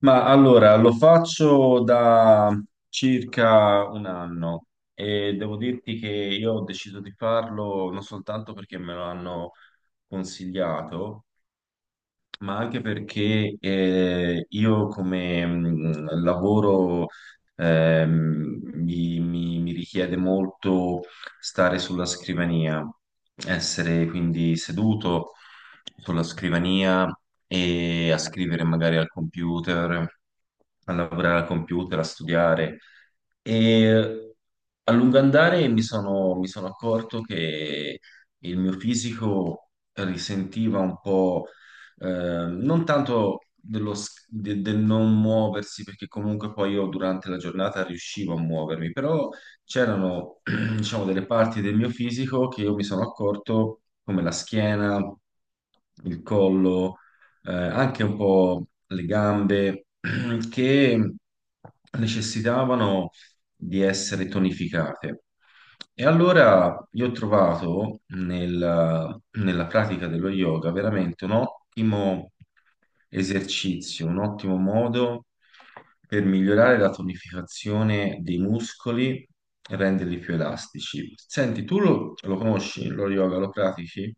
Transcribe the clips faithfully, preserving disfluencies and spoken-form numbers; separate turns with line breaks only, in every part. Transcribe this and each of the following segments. Ma allora lo faccio da circa un anno e devo dirti che io ho deciso di farlo non soltanto perché me lo hanno consigliato, ma anche perché eh, io come mh, lavoro ehm, mi, mi- mi richiede molto stare sulla scrivania, essere quindi seduto sulla scrivania e a scrivere magari al computer, a lavorare al computer, a studiare. E a lungo andare mi sono, mi sono accorto che il mio fisico risentiva un po', eh, non tanto dello s- de- del non muoversi, perché comunque poi io durante la giornata riuscivo a muovermi, però c'erano, diciamo, delle parti del mio fisico che io mi sono accorto, come la schiena, il collo, eh, anche un po' le gambe, che necessitavano di essere tonificate. E allora io ho trovato nel- nella pratica dello yoga veramente un ottimo esercizio, un ottimo modo per migliorare la tonificazione dei muscoli e renderli più elastici. Senti, tu lo, lo conosci, lo yoga, lo pratichi?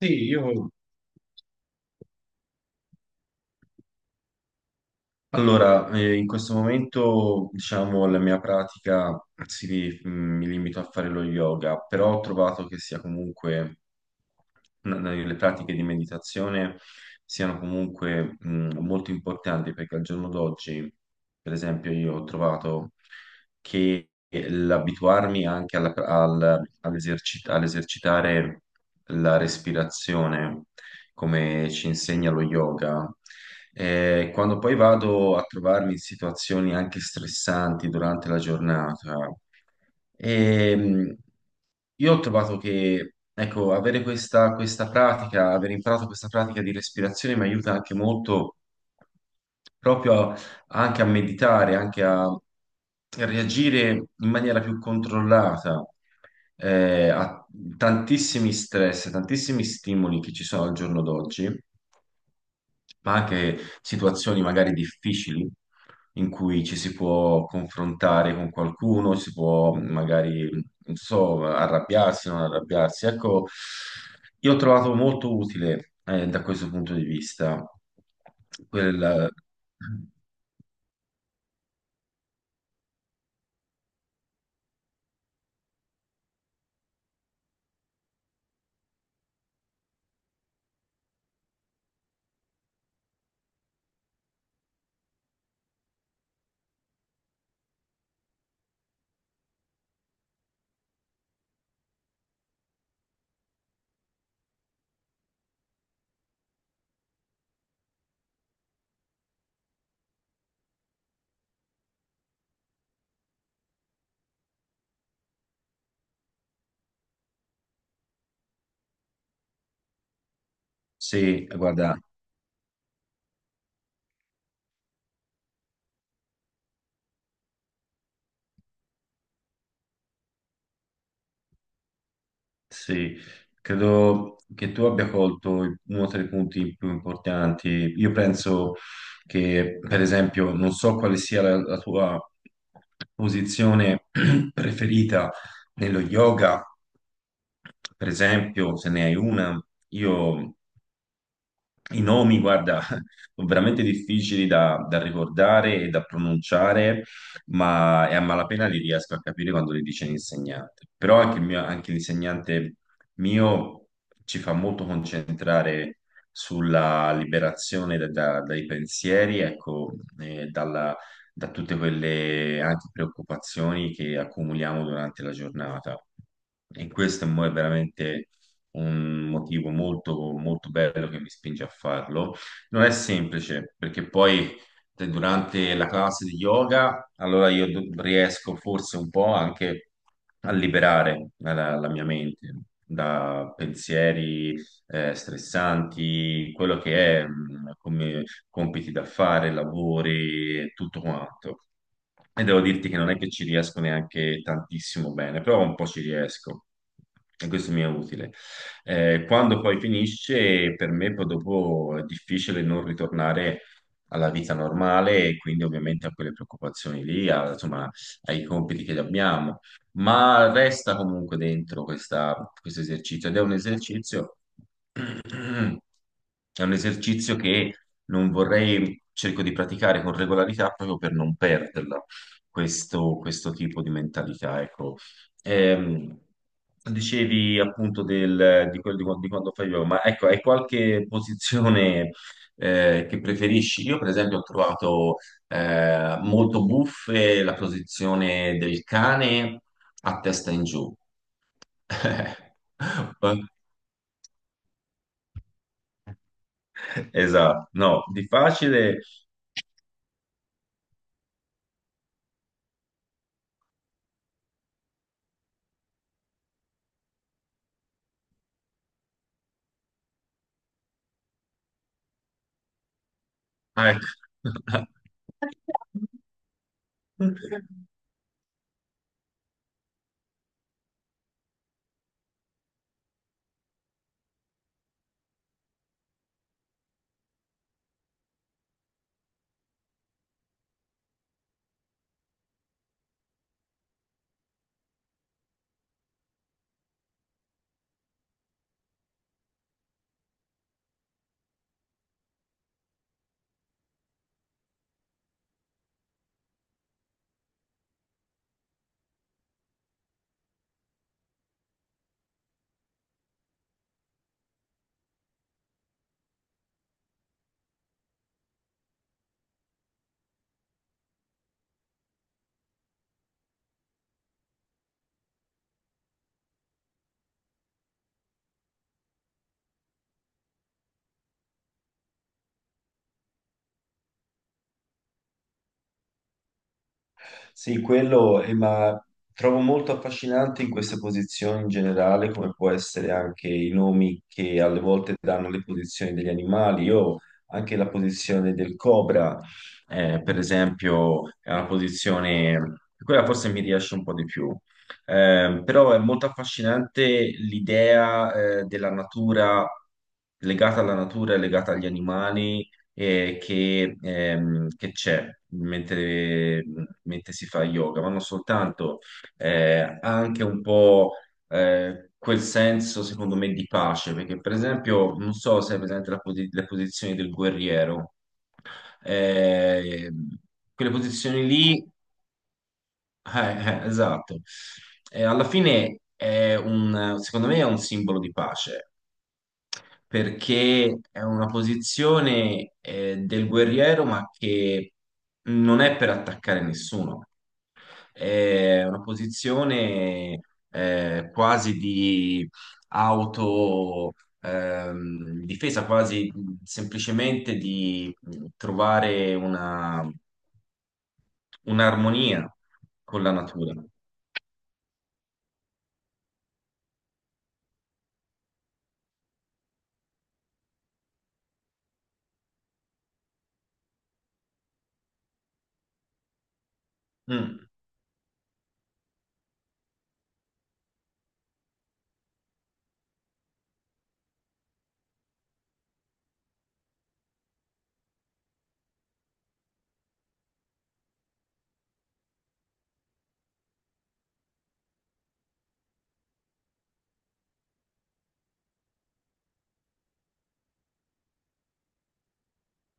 Sì, io. Allora, eh, in questo momento, diciamo, la mia pratica si- mm, mi limito a fare lo yoga, però ho trovato che sia comunque n- n- le pratiche di meditazione siano comunque mh, molto importanti, perché al giorno d'oggi, per esempio, io ho trovato che l'abituarmi anche alla- al- all'eserci- all'esercitare la respirazione come ci insegna lo yoga. E quando poi vado a trovarmi in situazioni anche stressanti durante la giornata, e, io ho trovato che, ecco, avere questa, questa pratica, aver imparato questa pratica di respirazione mi aiuta anche molto proprio a- anche a meditare, anche a reagire in maniera più controllata eh, a tantissimi stress, tantissimi stimoli che ci sono al giorno d'oggi, ma anche situazioni magari difficili in cui ci si può confrontare con qualcuno, si può magari, non so, arrabbiarsi, non arrabbiarsi. Ecco, io ho trovato molto utile, eh, da questo punto di vista, quel... Sì, guarda. Sì, credo che tu abbia colto il- uno dei punti più importanti. Io penso che, per esempio, non so quale sia la, la tua posizione preferita nello yoga, per esempio, se ne hai una. Io i nomi, guarda, sono veramente difficili da, da ricordare e da pronunciare, ma e a malapena li riesco a capire quando li dice l'insegnante. Però anche, il mio- anche l'insegnante mio ci fa molto concentrare sulla liberazione da- da- dai pensieri, ecco, e dalla- da tutte quelle anche preoccupazioni che accumuliamo durante la giornata. E questo è mo- è veramente un motivo molto, molto bello che mi spinge a farlo. Non è semplice, perché poi te- durante la classe di yoga, allora io do- riesco forse un po' anche a liberare la, la mia mente da pensieri eh, stressanti, quello che è, mh, come compiti da fare, lavori e tutto quanto. E devo dirti che non è che ci riesco neanche tantissimo bene, però un po' ci riesco. E questo mi è utile. Eh, quando poi finisce, per me poi dopo è difficile non ritornare alla vita normale e quindi ovviamente a quelle preoccupazioni lì, a- insomma, ai compiti che abbiamo, ma resta comunque dentro questa- questo esercizio, ed è un esercizio. È un esercizio che non vorrei, cerco di praticare con regolarità proprio per non perderla, questo, questo tipo di mentalità, ecco. Ehm, dicevi appunto del- di quello di, quando di quando fai yoga, ma ecco, hai qualche posizione eh, che preferisci? Io per esempio ho trovato eh, molto buffe la posizione del cane a testa in giù. Esatto, no, di facile. Ah, ecco. Sì, quello, eh, ma trovo molto affascinante in queste posizioni in generale, come può essere anche i nomi che alle volte danno le posizioni degli animali. Io anche la posizione del cobra, eh, per esempio, è una posizione, quella forse mi riesce un po' di più. Eh, però è molto affascinante l'idea, eh, della natura, legata alla natura e legata agli animali eh, che, ehm, che c'è mentre, mentre si fa yoga, ma non soltanto, eh, ha anche un po' eh, quel senso, secondo me, di pace, perché per esempio, non so se è presente la, posi- le posizioni del guerriero, eh, quelle posizioni lì, eh, eh, esatto. Eh, alla fine è un, secondo me è un simbolo di pace, perché è una posizione eh, del guerriero, ma che non è per attaccare nessuno. È una posizione eh, quasi di auto ehm, difesa, quasi semplicemente di trovare una, un'armonia con la natura. Mm.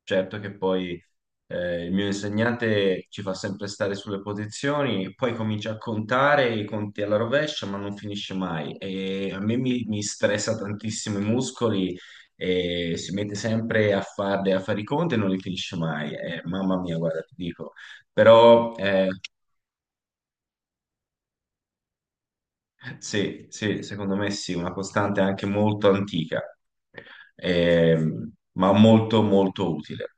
Certo che poi eh, il mio insegnante ci fa sempre stare sulle posizioni, poi comincia a contare i conti alla rovescia, ma non finisce mai. E a me mi, mi stressa tantissimo i muscoli, e si mette sempre a farle, a fare i conti, e non li finisce mai. Eh, mamma mia, guarda, ti dico. Però eh, sì, sì, secondo me sì, una costante anche molto antica, ehm, ma molto, molto utile.